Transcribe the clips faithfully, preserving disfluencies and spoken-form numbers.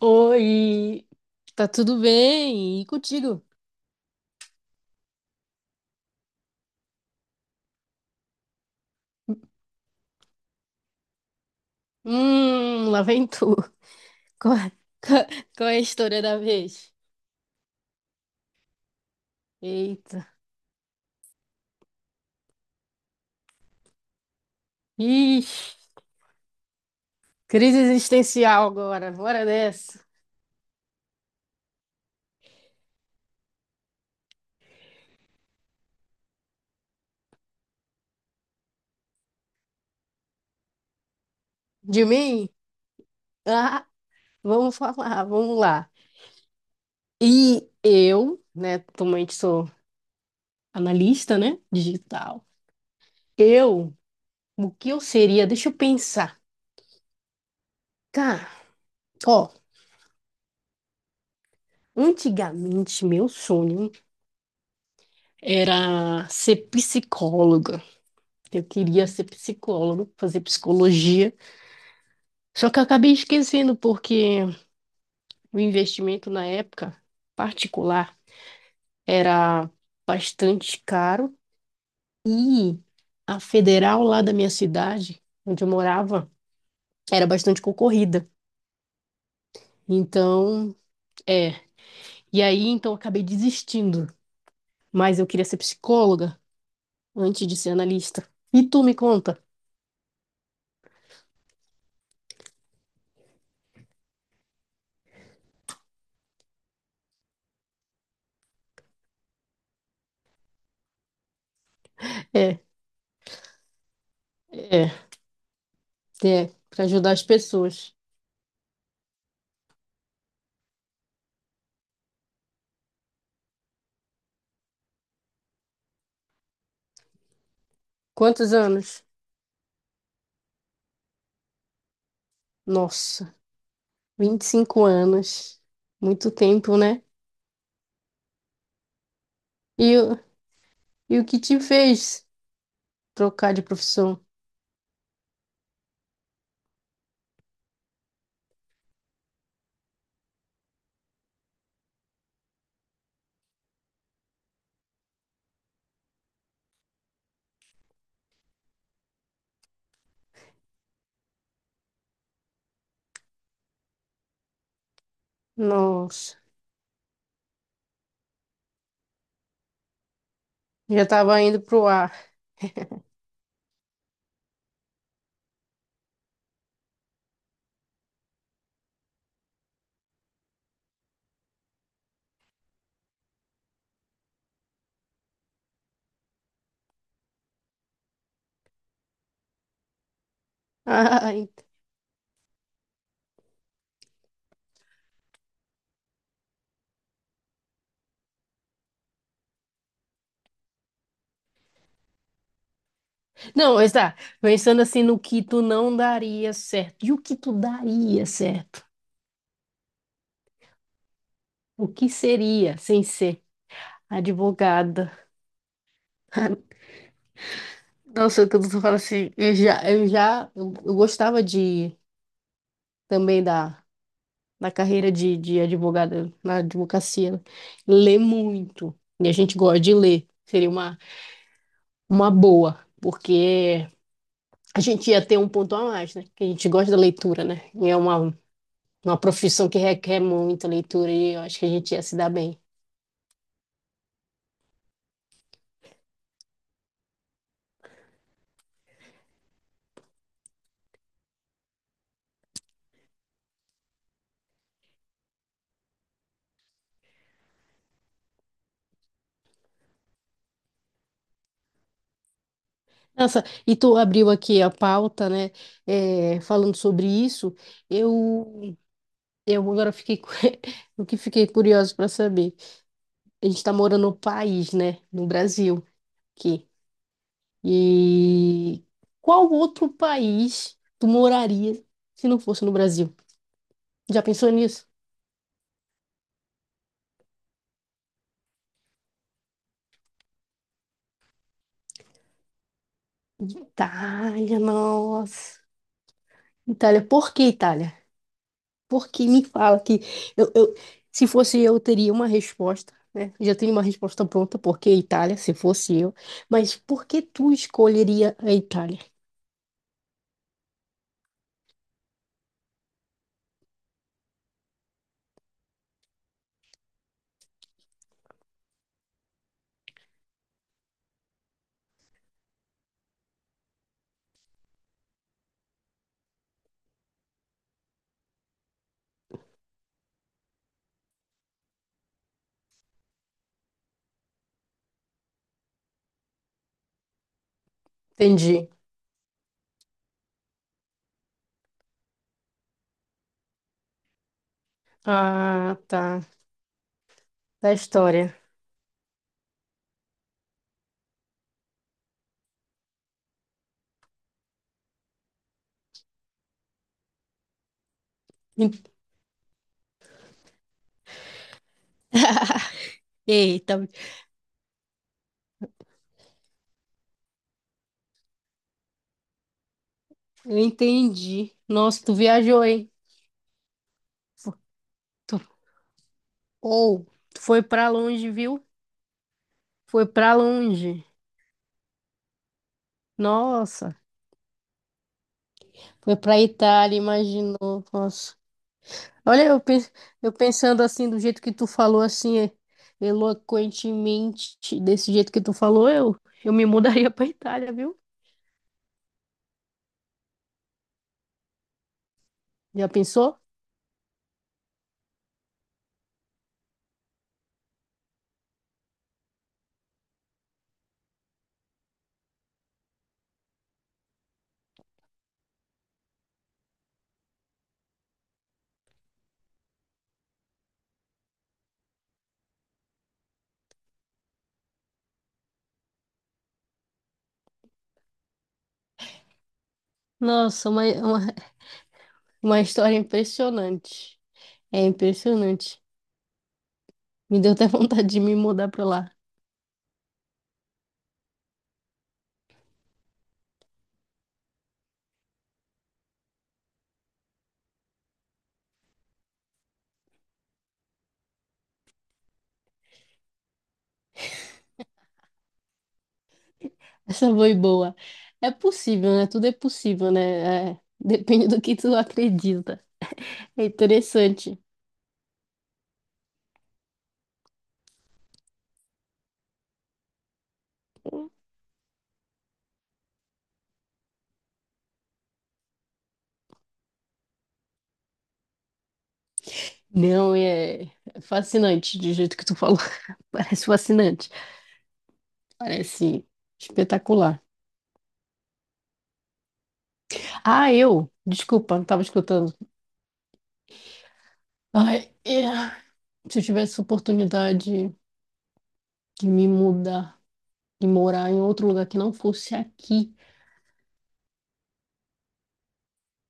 Oi, tá tudo bem? E contigo? Hum, lá vem tu. Qual é, qual é a história da vez? Eita. Ixi, crise existencial agora, bora dessa. De mim? Ah, vamos falar, vamos lá. E eu, né, atualmente sou analista, né, digital. Eu, o que eu seria? Deixa eu pensar. Cara, ó, antigamente meu sonho era ser psicólogo. Eu queria ser psicólogo, fazer psicologia. Só que eu acabei esquecendo, porque o investimento na época particular era bastante caro e a federal lá da minha cidade, onde eu morava, era bastante concorrida. Então, é. E aí, então, eu acabei desistindo. Mas eu queria ser psicóloga antes de ser analista. E tu me conta? É, é, é, para ajudar as pessoas. Quantos anos? Nossa. Vinte e cinco anos. Muito tempo, né? E, o- e o que te fez trocar de profissão? Nossa, já tava indo pro ar. Ai. Não, está. Pensando assim no que tu não daria certo. E o que tu daria certo? O que seria sem ser advogada? Nossa, quando tu fala assim, eu já, eu já, eu, eu gostava de também da, da carreira de, de advogada na advocacia, né? Ler muito. E a gente gosta de ler. Seria uma Uma boa, porque a gente ia ter um ponto a mais, né? Que a gente gosta da leitura, né? E é uma, uma profissão que requer muita leitura e eu acho que a gente ia se dar bem. Nossa, e tu abriu aqui a pauta, né? É, falando sobre isso, eu, eu agora fiquei, cu- o que fiquei curioso para saber. A gente está morando no país, né? No Brasil, aqui. E qual outro país tu moraria se não fosse no Brasil? Já pensou nisso? Itália, nossa. Itália, por que Itália? Por que me fala que eu, eu- se fosse eu, teria uma resposta, né? Já tenho uma resposta pronta, por que Itália, se fosse eu. Mas por que tu escolheria a Itália? Entendi. Ah, tá. Da história. En- Eita, eu entendi. Nossa, tu viajou, hein? Fo- Tu, ou, tu foi pra longe, viu? Foi pra longe. Nossa, foi pra Itália, imaginou. Nossa. Olha, eu, pen- eu pensando assim, do jeito que tu falou, assim, é- eloquentemente, desse jeito que tu falou, eu, eu me mudaria pra Itália, viu? Já pensou? Nossa, uma, uma, uma história impressionante. É impressionante. Me deu até vontade de me mudar pra lá. Essa foi boa. É possível, né? Tudo é possível, né? É, depende do que tu acredita. É interessante. Não, é fascinante, do jeito que tu falou. Parece fascinante. Parece espetacular. Ah, eu, desculpa, não estava escutando. Ai, é. Se eu tivesse oportunidade de me mudar e morar em outro lugar que não fosse aqui,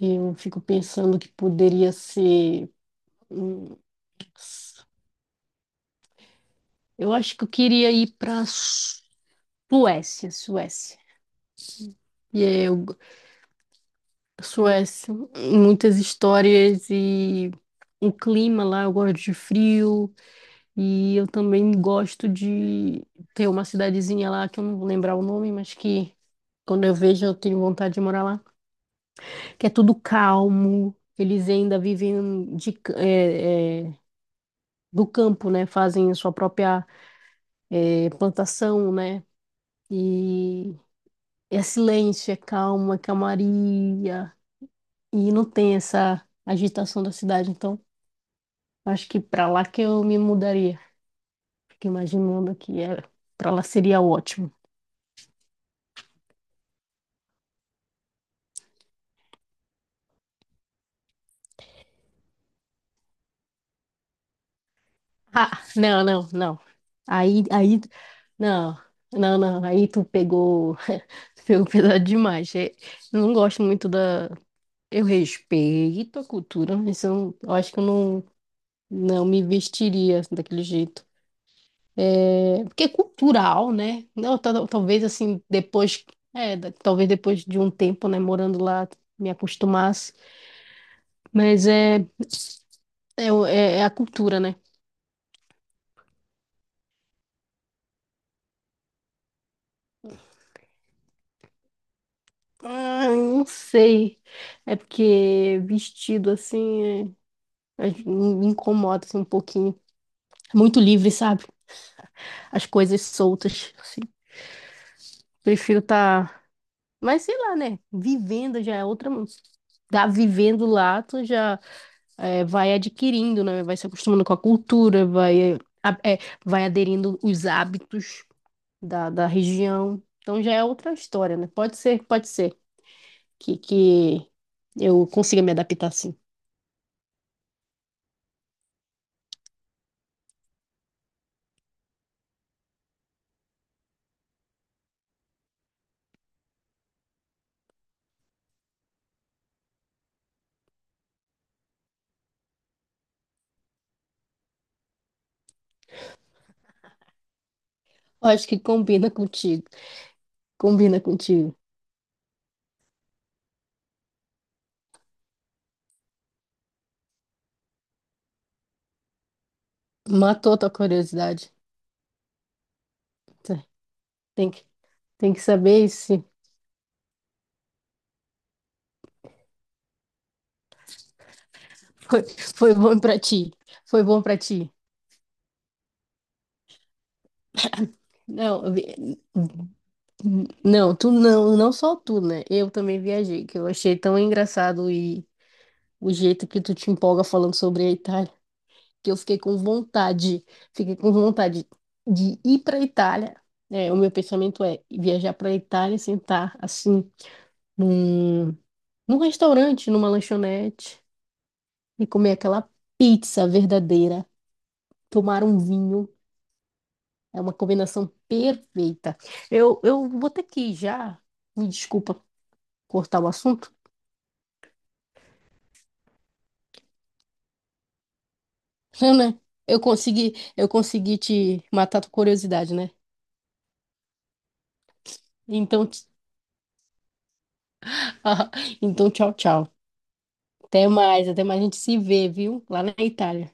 eu fico pensando que poderia ser. Hum, eu acho que eu queria ir para Suécia, Suécia. E aí eu, Suécia, muitas histórias e o clima lá, eu gosto de frio. E eu também gosto de ter uma cidadezinha lá que eu não vou lembrar o nome, mas que quando eu vejo eu tenho vontade de morar lá. Que é tudo calmo, eles ainda vivem de, ca- é, é, do campo, né? Fazem sua própria é, plantação, né? E é silêncio, é calma, é calmaria. E não tem essa agitação da cidade. Então, acho que para lá que eu me mudaria. Fico imaginando que é, para lá seria ótimo. Ah, não, não, não. Aí, aí, não, não, não. Aí tu pegou, tu pegou pesado demais. É, eu não gosto muito da. Eu respeito a cultura, mas eu, não- eu acho que eu não, não me vestiria assim, daquele jeito. É, porque é cultural, né? Não, tal- talvez assim, depois, é, da- talvez depois de um tempo, né, morando lá, me acostumasse. Mas é, é, o- é é a cultura, né? Ah, eu não sei. É porque vestido assim é- é- me incomoda assim, um pouquinho. Muito livre, sabe? As coisas soltas, assim. Prefiro estar. Mas sei lá, né? Vivendo já é outra. Tá vivendo lá, tu já é, vai adquirindo, né? Vai se acostumando com a cultura, vai, a- é, vai aderindo os hábitos da, da região. Então já é outra história, né? Pode ser, pode ser que, que eu consiga me adaptar assim. Eu acho que combina contigo. Combina contigo. Matou tua curiosidade. Tá, Tem que, tem que saber se foi, foi bom pra ti. Foi bom pra ti. Não, eu vi- não, tu não, não só tu, né? Eu também viajei, que eu achei tão engraçado e o jeito que tu te empolga falando sobre a Itália, que eu fiquei com vontade, fiquei com vontade de ir pra Itália. É, o meu pensamento é viajar pra Itália, sentar assim num num restaurante, numa lanchonete, e comer aquela pizza verdadeira, tomar um vinho. É uma combinação perfeita. Eu, eu vou ter que ir já. Me desculpa cortar o assunto, né? Eu consegui, eu consegui te matar a tua curiosidade, né? Então, t- então tchau, tchau. Até mais, até mais a gente se vê, viu? Lá na Itália.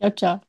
Tchau, tchau.